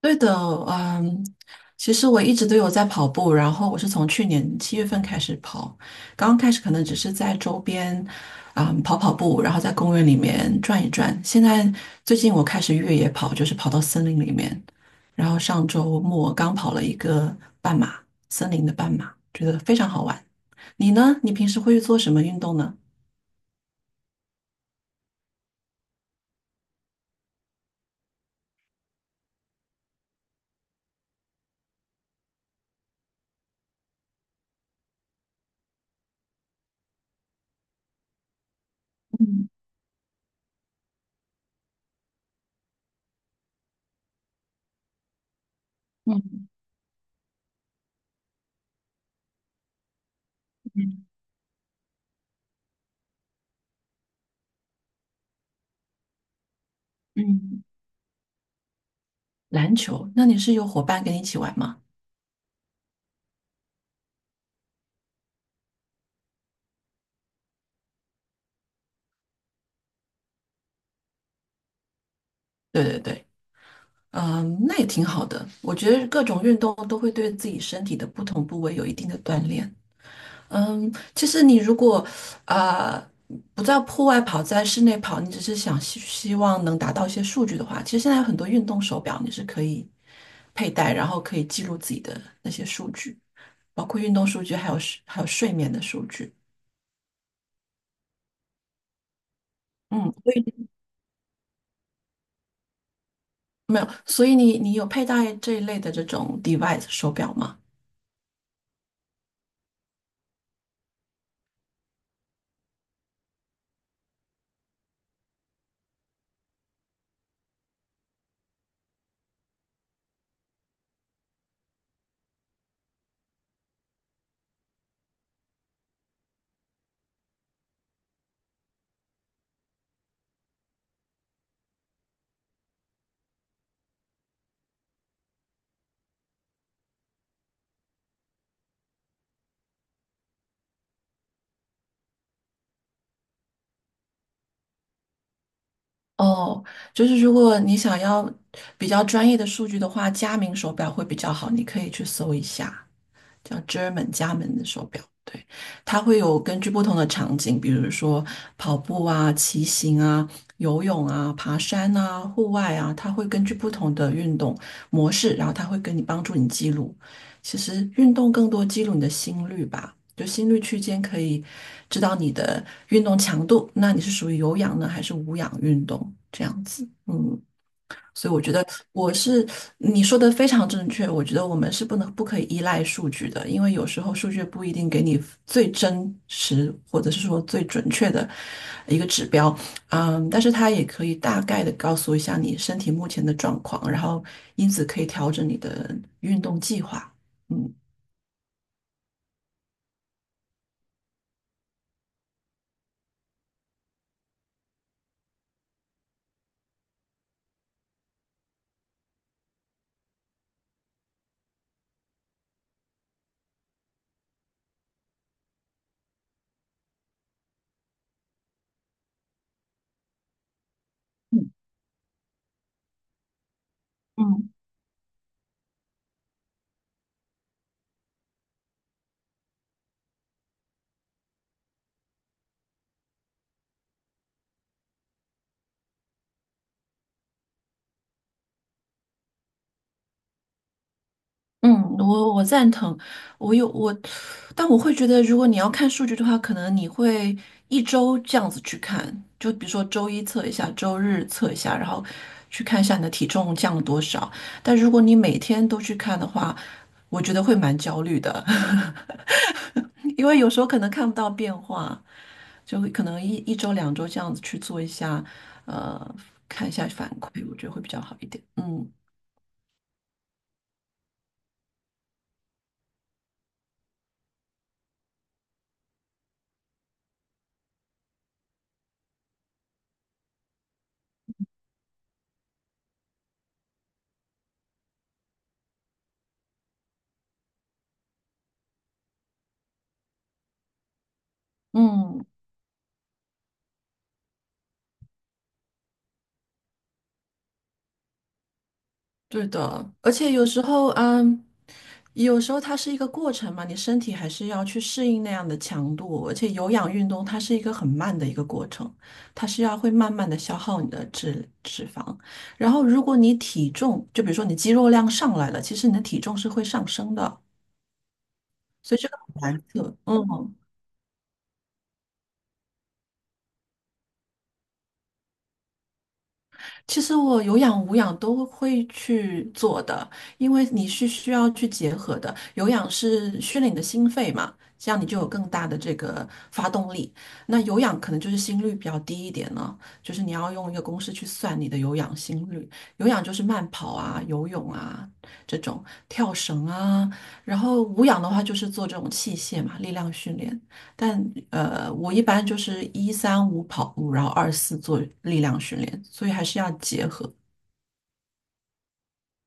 对的，嗯，其实我一直都有在跑步，然后我是从去年七月份开始跑，刚刚开始可能只是在周边，跑跑步，然后在公园里面转一转。现在最近我开始越野跑，就是跑到森林里面，然后上周末刚跑了一个半马，森林的半马，觉得非常好玩。你呢？你平时会做什么运动呢？嗯嗯。嗯。篮球？那你是有伙伴跟你一起玩吗？对对对。嗯，那也挺好的。我觉得各种运动都会对自己身体的不同部位有一定的锻炼。嗯，其实你如果啊、不在户外跑，在室内跑，你只是想希望能达到一些数据的话，其实现在有很多运动手表你是可以佩戴，然后可以记录自己的那些数据，包括运动数据，还有睡眠的数据。嗯，所以没有，所以你有佩戴这一类的这种 device 手表吗？哦，就是如果你想要比较专业的数据的话，佳明手表会比较好，你可以去搜一下。叫 German 家门的手表，对，它会有根据不同的场景，比如说跑步啊、骑行啊、游泳啊、爬山啊、户外啊，它会根据不同的运动模式，然后它会跟你帮助你记录。其实运动更多记录你的心率吧，就心率区间可以知道你的运动强度，那你是属于有氧呢还是无氧运动这样子？嗯。所以我觉得我是你说的非常正确，我觉得我们是不可以依赖数据的，因为有时候数据不一定给你最真实或者是说最准确的一个指标，嗯，但是它也可以大概的告诉一下你身体目前的状况，然后因此可以调整你的运动计划，嗯。嗯，嗯，我赞同，我有我，但我会觉得，如果你要看数据的话，可能你会一周这样子去看，就比如说周一测一下，周日测一下，然后去看一下你的体重降了多少。但如果你每天都去看的话，我觉得会蛮焦虑的，因为有时候可能看不到变化，就会可能一周两周这样子去做一下，呃，看一下反馈，我觉得会比较好一点。嗯嗯。对的，而且有时候，有时候它是一个过程嘛，你身体还是要去适应那样的强度，而且有氧运动它是一个很慢的一个过程，它是要会慢慢的消耗你的脂肪，然后如果你体重，就比如说你肌肉量上来了，其实你的体重是会上升的，所以这个很难测，嗯。其实我有氧无氧都会去做的，因为你是需要去结合的。有氧是训练你的心肺嘛，这样你就有更大的这个发动力。那有氧可能就是心率比较低一点呢，就是你要用一个公式去算你的有氧心率。有氧就是慢跑啊、游泳啊这种，跳绳啊。然后无氧的话就是做这种器械嘛，力量训练。但我一般就是一三五跑步，然后二四做力量训练，所以还是要结合。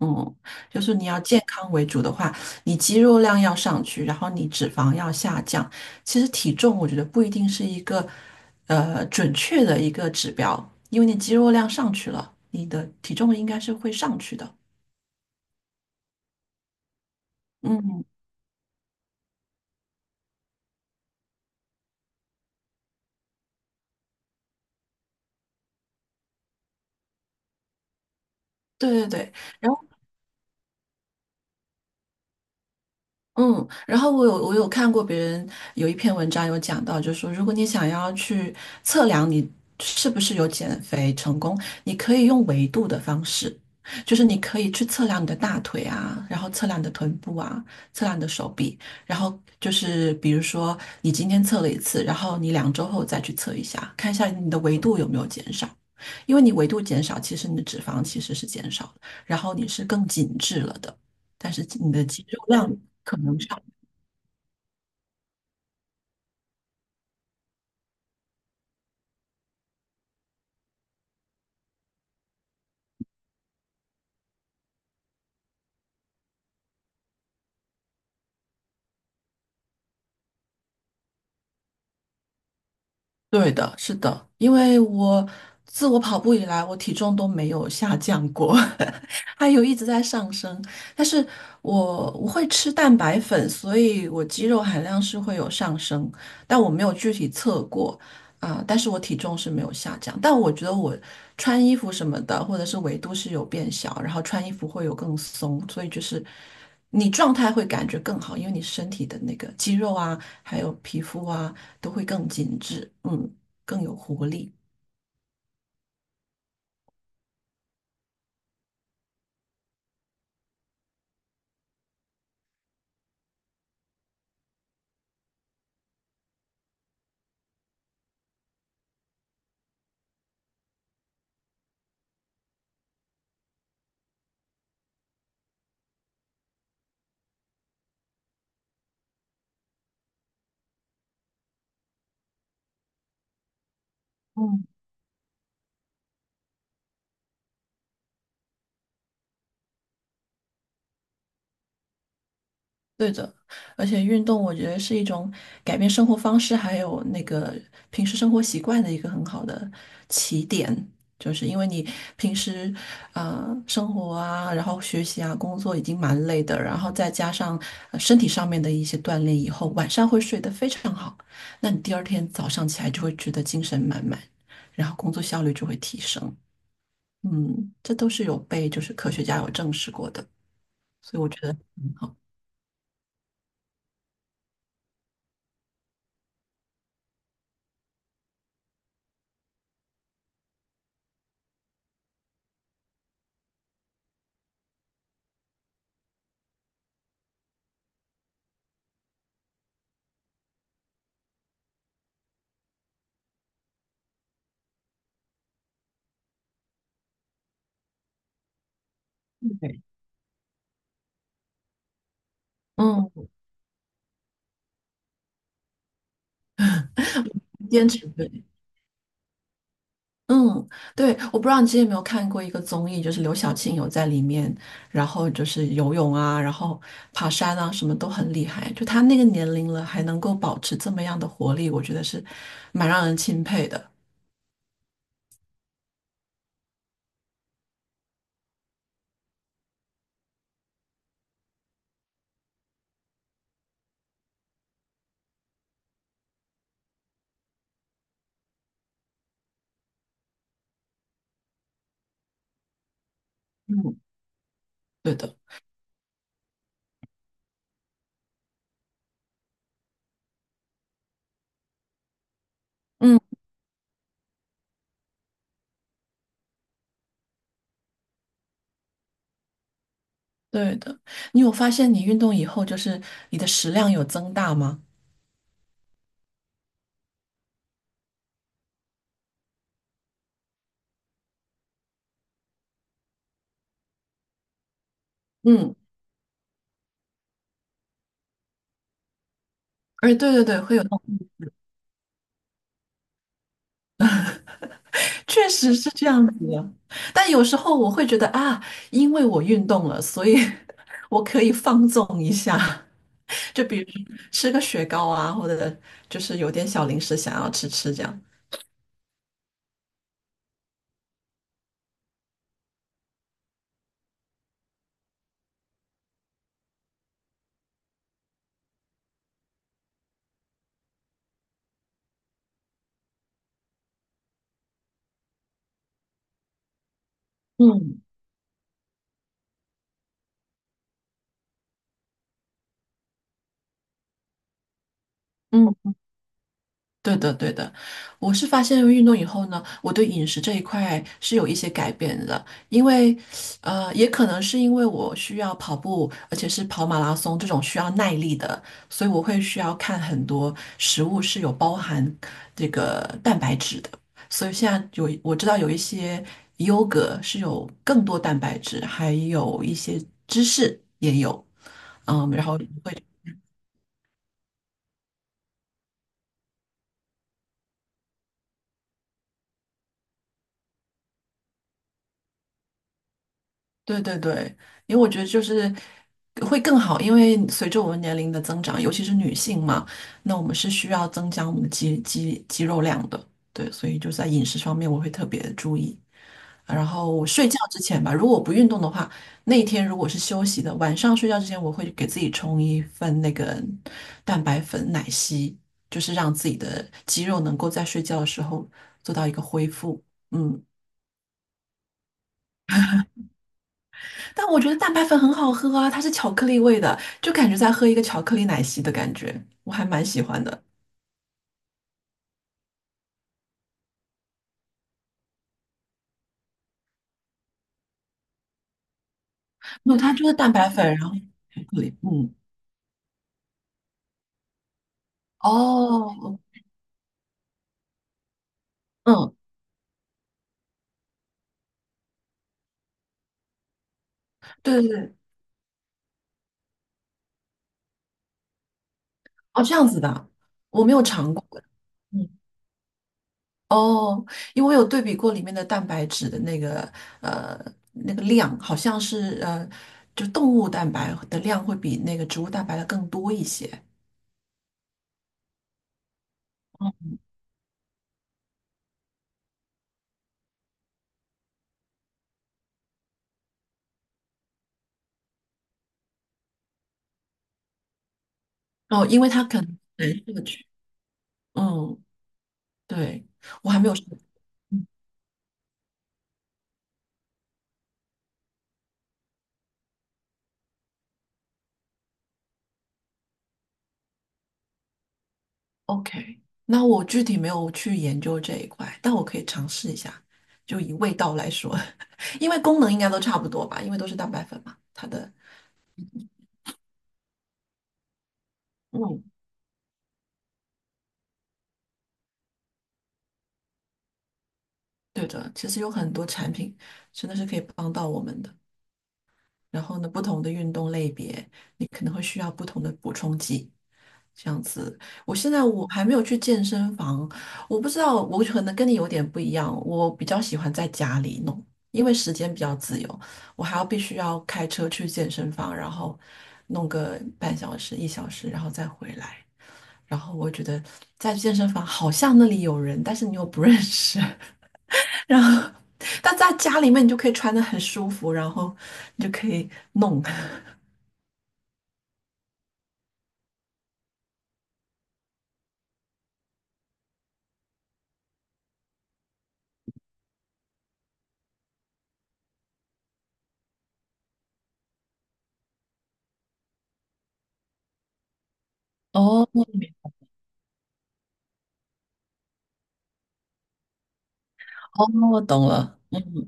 嗯，就是你要健康为主的话，你肌肉量要上去，然后你脂肪要下降。其实体重我觉得不一定是一个准确的一个指标，因为你肌肉量上去了，你的体重应该是会上去的。嗯，对对对。然后。嗯，然后我有看过别人有一篇文章有讲到，就是说，如果你想要去测量你是不是有减肥成功，你可以用维度的方式，就是你可以去测量你的大腿啊，然后测量你的臀部啊，测量你的手臂，然后就是比如说你今天测了一次，然后你两周后再去测一下，看一下你的维度有没有减少，因为你维度减少，其实你的脂肪其实是减少的，然后你是更紧致了的。但是你的肌肉量可能是对的，是的，因为我自我跑步以来，我体重都没有下降过，还有一直在上升。但是我会吃蛋白粉，所以我肌肉含量是会有上升，但我没有具体测过但是我体重是没有下降，但我觉得我穿衣服什么的，或者是维度是有变小，然后穿衣服会有更松，所以就是你状态会感觉更好，因为你身体的那个肌肉啊，还有皮肤啊。都会更紧致，嗯，更有活力。对的，而且运动我觉得是一种改变生活方式，还有那个平时生活习惯的一个很好的起点，就是因为你平时啊，生活啊，然后学习啊，工作已经蛮累的，然后再加上身体上面的一些锻炼以后，晚上会睡得非常好，那你第二天早上起来就会觉得精神满满，然后工作效率就会提升。嗯，这都是有被科学家有证实过的。所以我觉得很好。对，嗯，坚持对，嗯，对，我不知道你之前有没有看过一个综艺，就是刘晓庆有在里面，然后就是游泳啊，然后爬山啊，什么都很厉害。就她那个年龄了，还能够保持这么样的活力，我觉得是蛮让人钦佩的。嗯，对的，嗯，对的。你有发现你运动以后，就是你的食量有增大吗？嗯，哎，对对对，会有。确实是这样子的，但有时候我会觉得啊，因为我运动了，所以 我可以放纵一下，就比如吃个雪糕啊，或者就是有点小零食想要吃吃这样。嗯嗯，对的，对的，我是发现运动以后呢，我对饮食这一块是有一些改变的，因为，也可能是因为我需要跑步，而且是跑马拉松这种需要耐力的，所以我会需要看很多食物是有包含这个蛋白质的，所以现在有我知道有一些优格是有更多蛋白质，还有一些芝士也有，嗯，然后。对对对，因为我觉得就是会更好，因为随着我们年龄的增长，尤其是女性嘛，那我们是需要增加我们的肌肉量的。对，所以就在饮食方面我会特别注意。然后睡觉之前吧，如果我不运动的话，那一天如果是休息的，晚上睡觉之前我会给自己冲一份那个蛋白粉奶昔，就是让自己的肌肉能够在睡觉的时候做到一个恢复。嗯。但我觉得蛋白粉很好喝啊，它是巧克力味的，就感觉在喝一个巧克力奶昔的感觉，我还蛮喜欢的。没有，它就是蛋白粉，然后巧克力，嗯，哦，嗯，对对对，哦，这样子的，我没有尝过，嗯，哦，因为我有对比过里面的蛋白质的那个呃那个量，好像是就动物蛋白的量会比那个植物蛋白的更多一些，哦，因为它可能难摄取嗯，对，我还没有试过 OK,那我具体没有去研究这一块，但我可以尝试一下。就以味道来说，因为功能应该都差不多吧，因为都是蛋白粉嘛。它的，嗯，对的，其实有很多产品真的是可以帮到我们的。然后呢，不同的运动类别，你可能会需要不同的补充剂。这样子，我现在我还没有去健身房，我不知道，我可能跟你有点不一样，我比较喜欢在家里弄，因为时间比较自由，我还要必须要开车去健身房，然后弄个半小时、一小时，然后再回来。然后我觉得在健身房好像那里有人，但是你又不认识，然后但在家里面你就可以穿得很舒服，然后你就可以弄。哦，哦，我懂了。嗯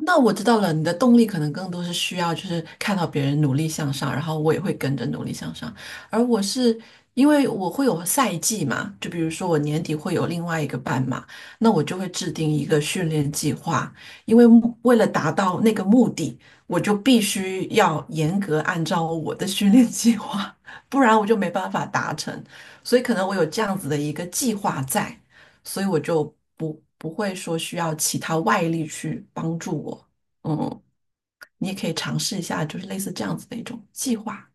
那我知道了，你的动力可能更多是需要，就是看到别人努力向上，然后我也会跟着努力向上。而我是因为我会有赛季嘛，就比如说我年底会有另外一个半马，那我就会制定一个训练计划，因为为了达到那个目的，我就必须要严格按照我的训练计划，不然我就没办法达成。所以可能我有这样子的一个计划在。所以我就不会说需要其他外力去帮助我。嗯，你也可以尝试一下，就是类似这样子的一种计划，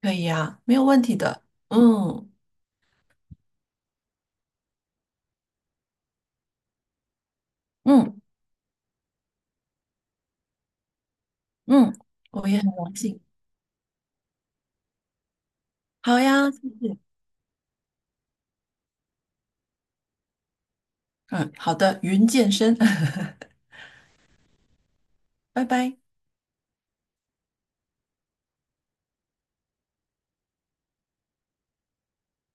可以呀，没有问题的。嗯嗯嗯，我也很荣幸。好呀，谢谢。嗯，好的，云健身，拜拜。